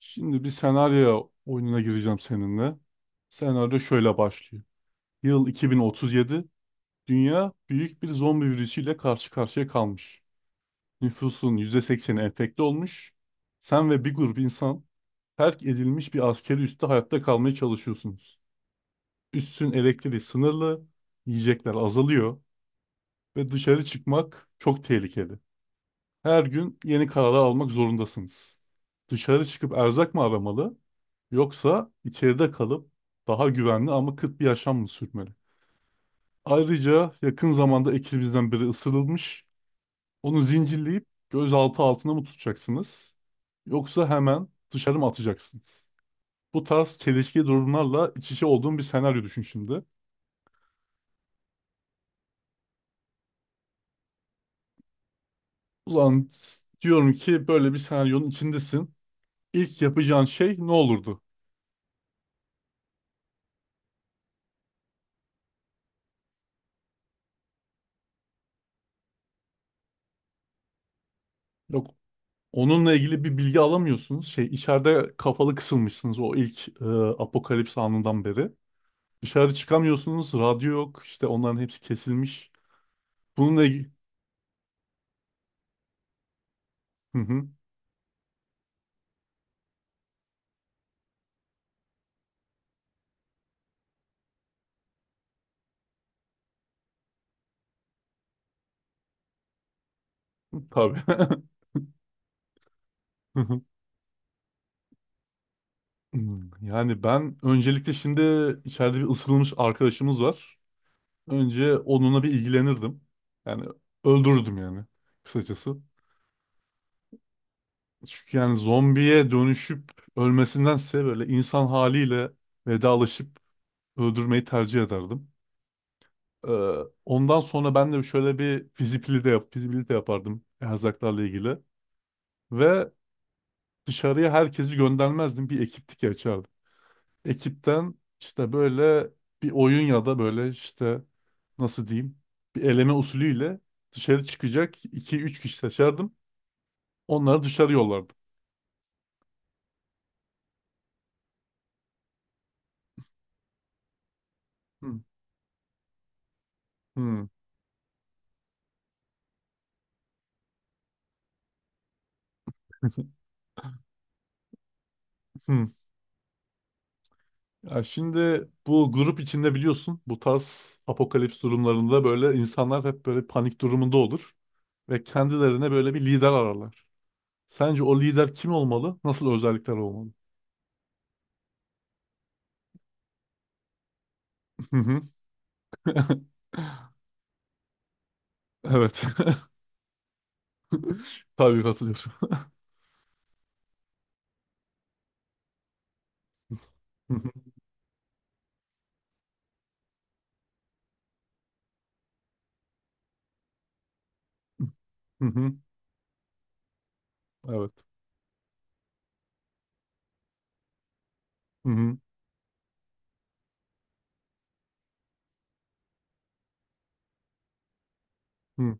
Şimdi bir senaryo oyununa gireceğim seninle. Senaryo şöyle başlıyor. Yıl 2037. Dünya büyük bir zombi virüsüyle karşı karşıya kalmış. Nüfusun %80'i enfekte olmuş. Sen ve bir grup insan terk edilmiş bir askeri üste hayatta kalmaya çalışıyorsunuz. Üssün elektriği sınırlı, yiyecekler azalıyor ve dışarı çıkmak çok tehlikeli. Her gün yeni kararlar almak zorundasınız. Dışarı çıkıp erzak mı aramalı yoksa içeride kalıp daha güvenli ama kıt bir yaşam mı sürmeli? Ayrıca yakın zamanda ekibinizden biri ısırılmış. Onu zincirleyip gözaltı altına mı tutacaksınız? Yoksa hemen dışarı mı atacaksınız? Bu tarz çelişki durumlarla iç içe olduğum bir senaryo düşün şimdi. Ulan diyorum ki böyle bir senaryonun içindesin. İlk yapacağın şey ne olurdu? Yok. Onunla ilgili bir bilgi alamıyorsunuz. Şey, içeride kafalı kısılmışsınız o ilk apokalips anından beri. Dışarı çıkamıyorsunuz. Radyo yok. İşte onların hepsi kesilmiş. Bununla ilgili... Hı hı, tabii. Hı hı. Yani ben öncelikle şimdi içeride bir ısırılmış arkadaşımız var. Önce onunla bir ilgilenirdim. Yani öldürürdüm yani kısacası. Çünkü yani zombiye dönüşüp ölmesindense böyle insan haliyle vedalaşıp öldürmeyi tercih ederdim. Ee, Ondan sonra ben de şöyle bir fizibilite yapardım erzaklarla ilgili. Ve dışarıya herkesi göndermezdim. Bir ekiptik açardım. Ekipten işte böyle bir oyun ya da böyle işte nasıl diyeyim bir eleme usulüyle dışarı çıkacak iki üç kişi seçerdim. Onları dışarı yollardım. Hmm. Hmm. Hmm. Ya şimdi bu grup içinde biliyorsun bu tarz apokalips durumlarında böyle insanlar hep böyle panik durumunda olur ve kendilerine böyle bir lider ararlar. Sence o lider kim olmalı? Nasıl özellikler olmalı? Hı hı. Evet. Tabii katılıyorum. Hı hı. Hı hı. Evet. Hı hı. Hı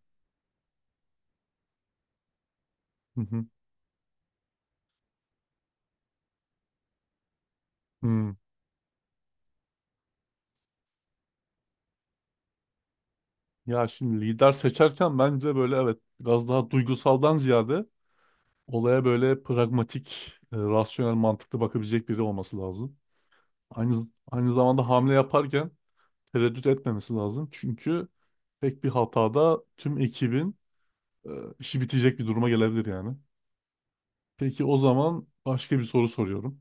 hı. Hı. Hı. Ya şimdi lider seçerken bence böyle evet biraz daha duygusaldan ziyade olaya böyle pragmatik, rasyonel, mantıklı bakabilecek biri olması lazım. Aynı aynı zamanda hamle yaparken tereddüt etmemesi lazım. Çünkü tek bir hatada tüm ekibin Ee, işi bitecek bir duruma gelebilir yani. Peki o zaman başka bir soru soruyorum.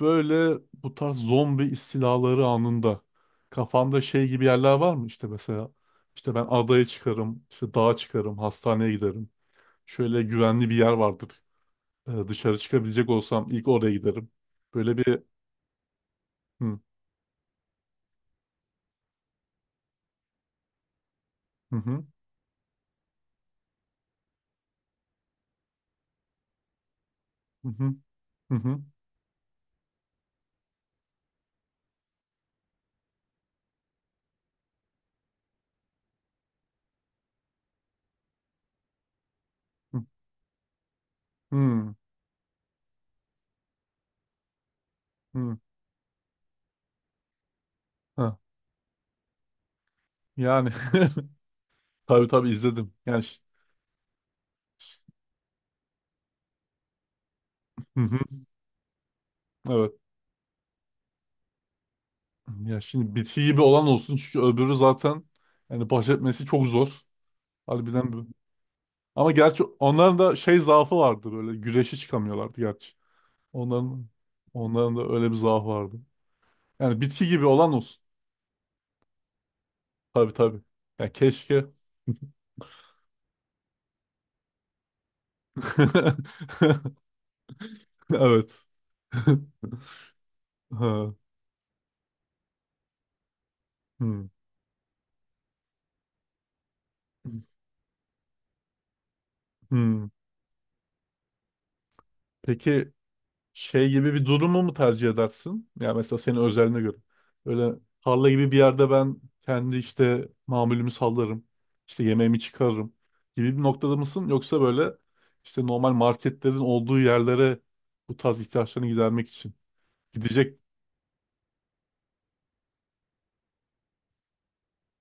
Böyle bu tarz zombi istilaları anında kafanda şey gibi yerler var mı? İşte mesela işte ben adaya çıkarım, işte dağa çıkarım, hastaneye giderim. Şöyle güvenli bir yer vardır. Dışarı çıkabilecek olsam ilk oraya giderim. Böyle bir hı hı, hı hı, hı hı, hı hı, hı, hı. Ha, yani tabii tabii izledim. Hı hı, evet. Ya şimdi bitki gibi olan olsun çünkü öbürü zaten yani baş etmesi çok zor. Harbiden bu. Ama gerçi onların da şey zaafı vardı böyle güreşe çıkamıyorlardı gerçi. Onların onların da öyle bir zaafı vardı. Yani bitki gibi olan olsun. Tabii tabii. Yani keşke. Evet. Ha. Hmm. Hmm. Peki, şey gibi bir durumu mu tercih edersin? Ya mesela senin özeline göre. Böyle tarla gibi bir yerde ben kendi işte mamulümü sallarım. İşte yemeğimi çıkarırım gibi bir noktada mısın? Yoksa böyle işte normal marketlerin olduğu yerlere bu tarz ihtiyaçlarını gidermek için gidecek.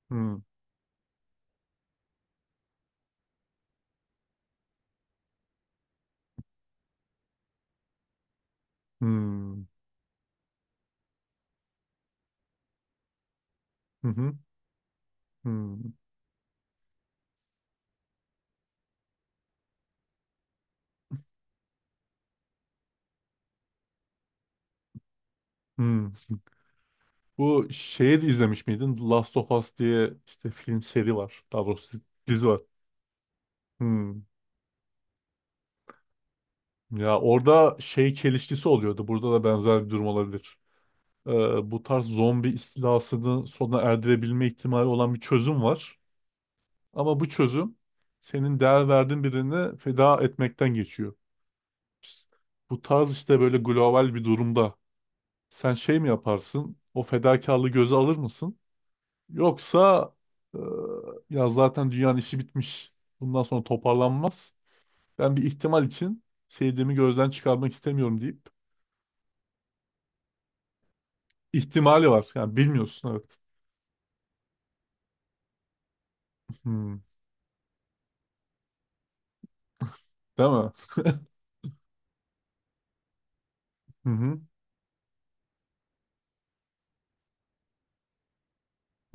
Hmm, hmm, hı hı, hmm, hmm. Bu şeyi de izlemiş miydin? The Last of Us diye işte film seri var. Daha doğrusu dizi var. Hmm. Ya orada şey çelişkisi oluyordu. Burada da benzer bir durum olabilir. Bu tarz zombi istilasını sona erdirebilme ihtimali olan bir çözüm var. Ama bu çözüm senin değer verdiğin birini feda etmekten geçiyor. Bu tarz işte böyle global bir durumda sen şey mi yaparsın? O fedakarlığı göze alır mısın? Yoksa e, ya zaten dünyanın işi bitmiş. Bundan sonra toparlanmaz. Ben bir ihtimal için sevdiğimi gözden çıkarmak istemiyorum deyip. İhtimali var. Yani bilmiyorsun evet. Hmm. Değil mi? Hı hı.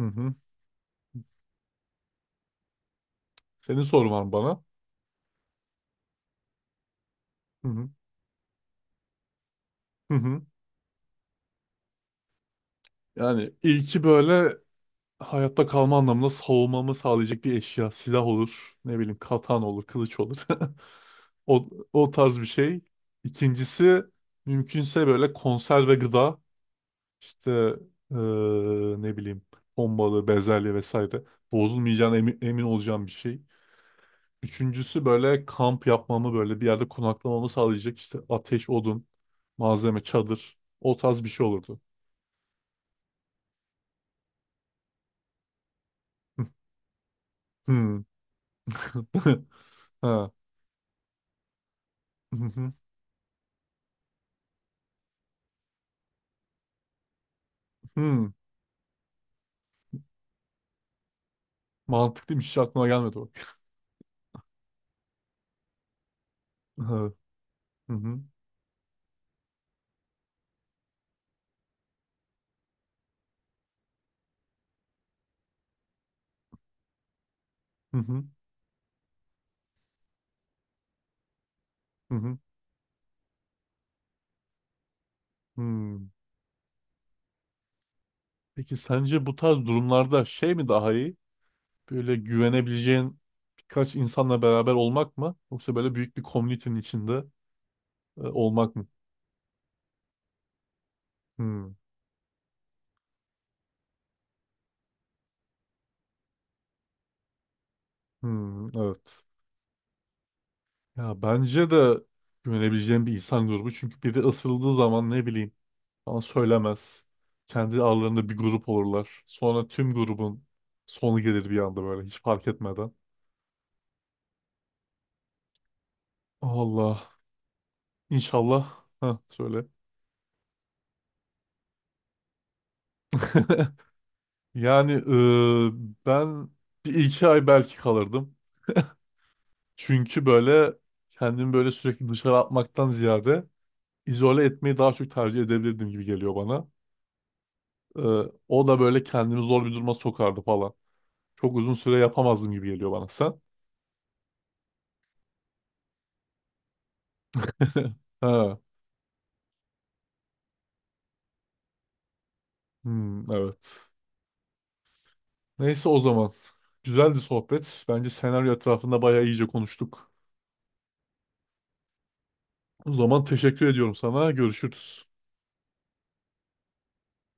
Hı hı. Senin sorun var mı bana? Hı hı. Hı hı. Yani ilki böyle hayatta kalma anlamında savunmamı sağlayacak bir eşya. Silah olur. Ne bileyim katan olur. Kılıç olur. O, o tarz bir şey. İkincisi mümkünse böyle konserve gıda. İşte eee, ne bileyim bombalı, bezelye vesaire. Bozulmayacağına emin olacağım bir şey. Üçüncüsü böyle kamp yapmamı böyle bir yerde konaklamamı sağlayacak işte ateş, odun, malzeme, çadır. O tarz bir şey olurdu. Hmm. Ha. Hı hı. Hmm. Mantıklıymış, hiç aklıma gelmedi bak. Hı hı. Hı hı. Hı hı. Hmm. Peki sence bu tarz durumlarda şey mi daha iyi? Böyle güvenebileceğin birkaç insanla beraber olmak mı? Yoksa böyle büyük bir komünitenin içinde olmak mı? Hmm. Hmm. Evet. Ya bence de güvenebileceğim bir insan grubu. Çünkü biri ısırıldığı zaman ne bileyim bana söylemez. Kendi aralarında bir grup olurlar. Sonra tüm grubun sonu gelir bir anda böyle hiç fark etmeden. Allah. İnşallah. Heh, söyle. Yani ben 1 2 ay belki kalırdım. Çünkü böyle kendimi böyle sürekli dışarı atmaktan ziyade izole etmeyi daha çok tercih edebilirdim gibi geliyor bana. O da böyle kendimi zor bir duruma sokardı falan. Çok uzun süre yapamazdım gibi geliyor bana sen. Ha. Hmm, evet. Neyse o zaman. Güzeldi sohbet. Bence senaryo etrafında bayağı iyice konuştuk. O zaman teşekkür ediyorum sana. Görüşürüz.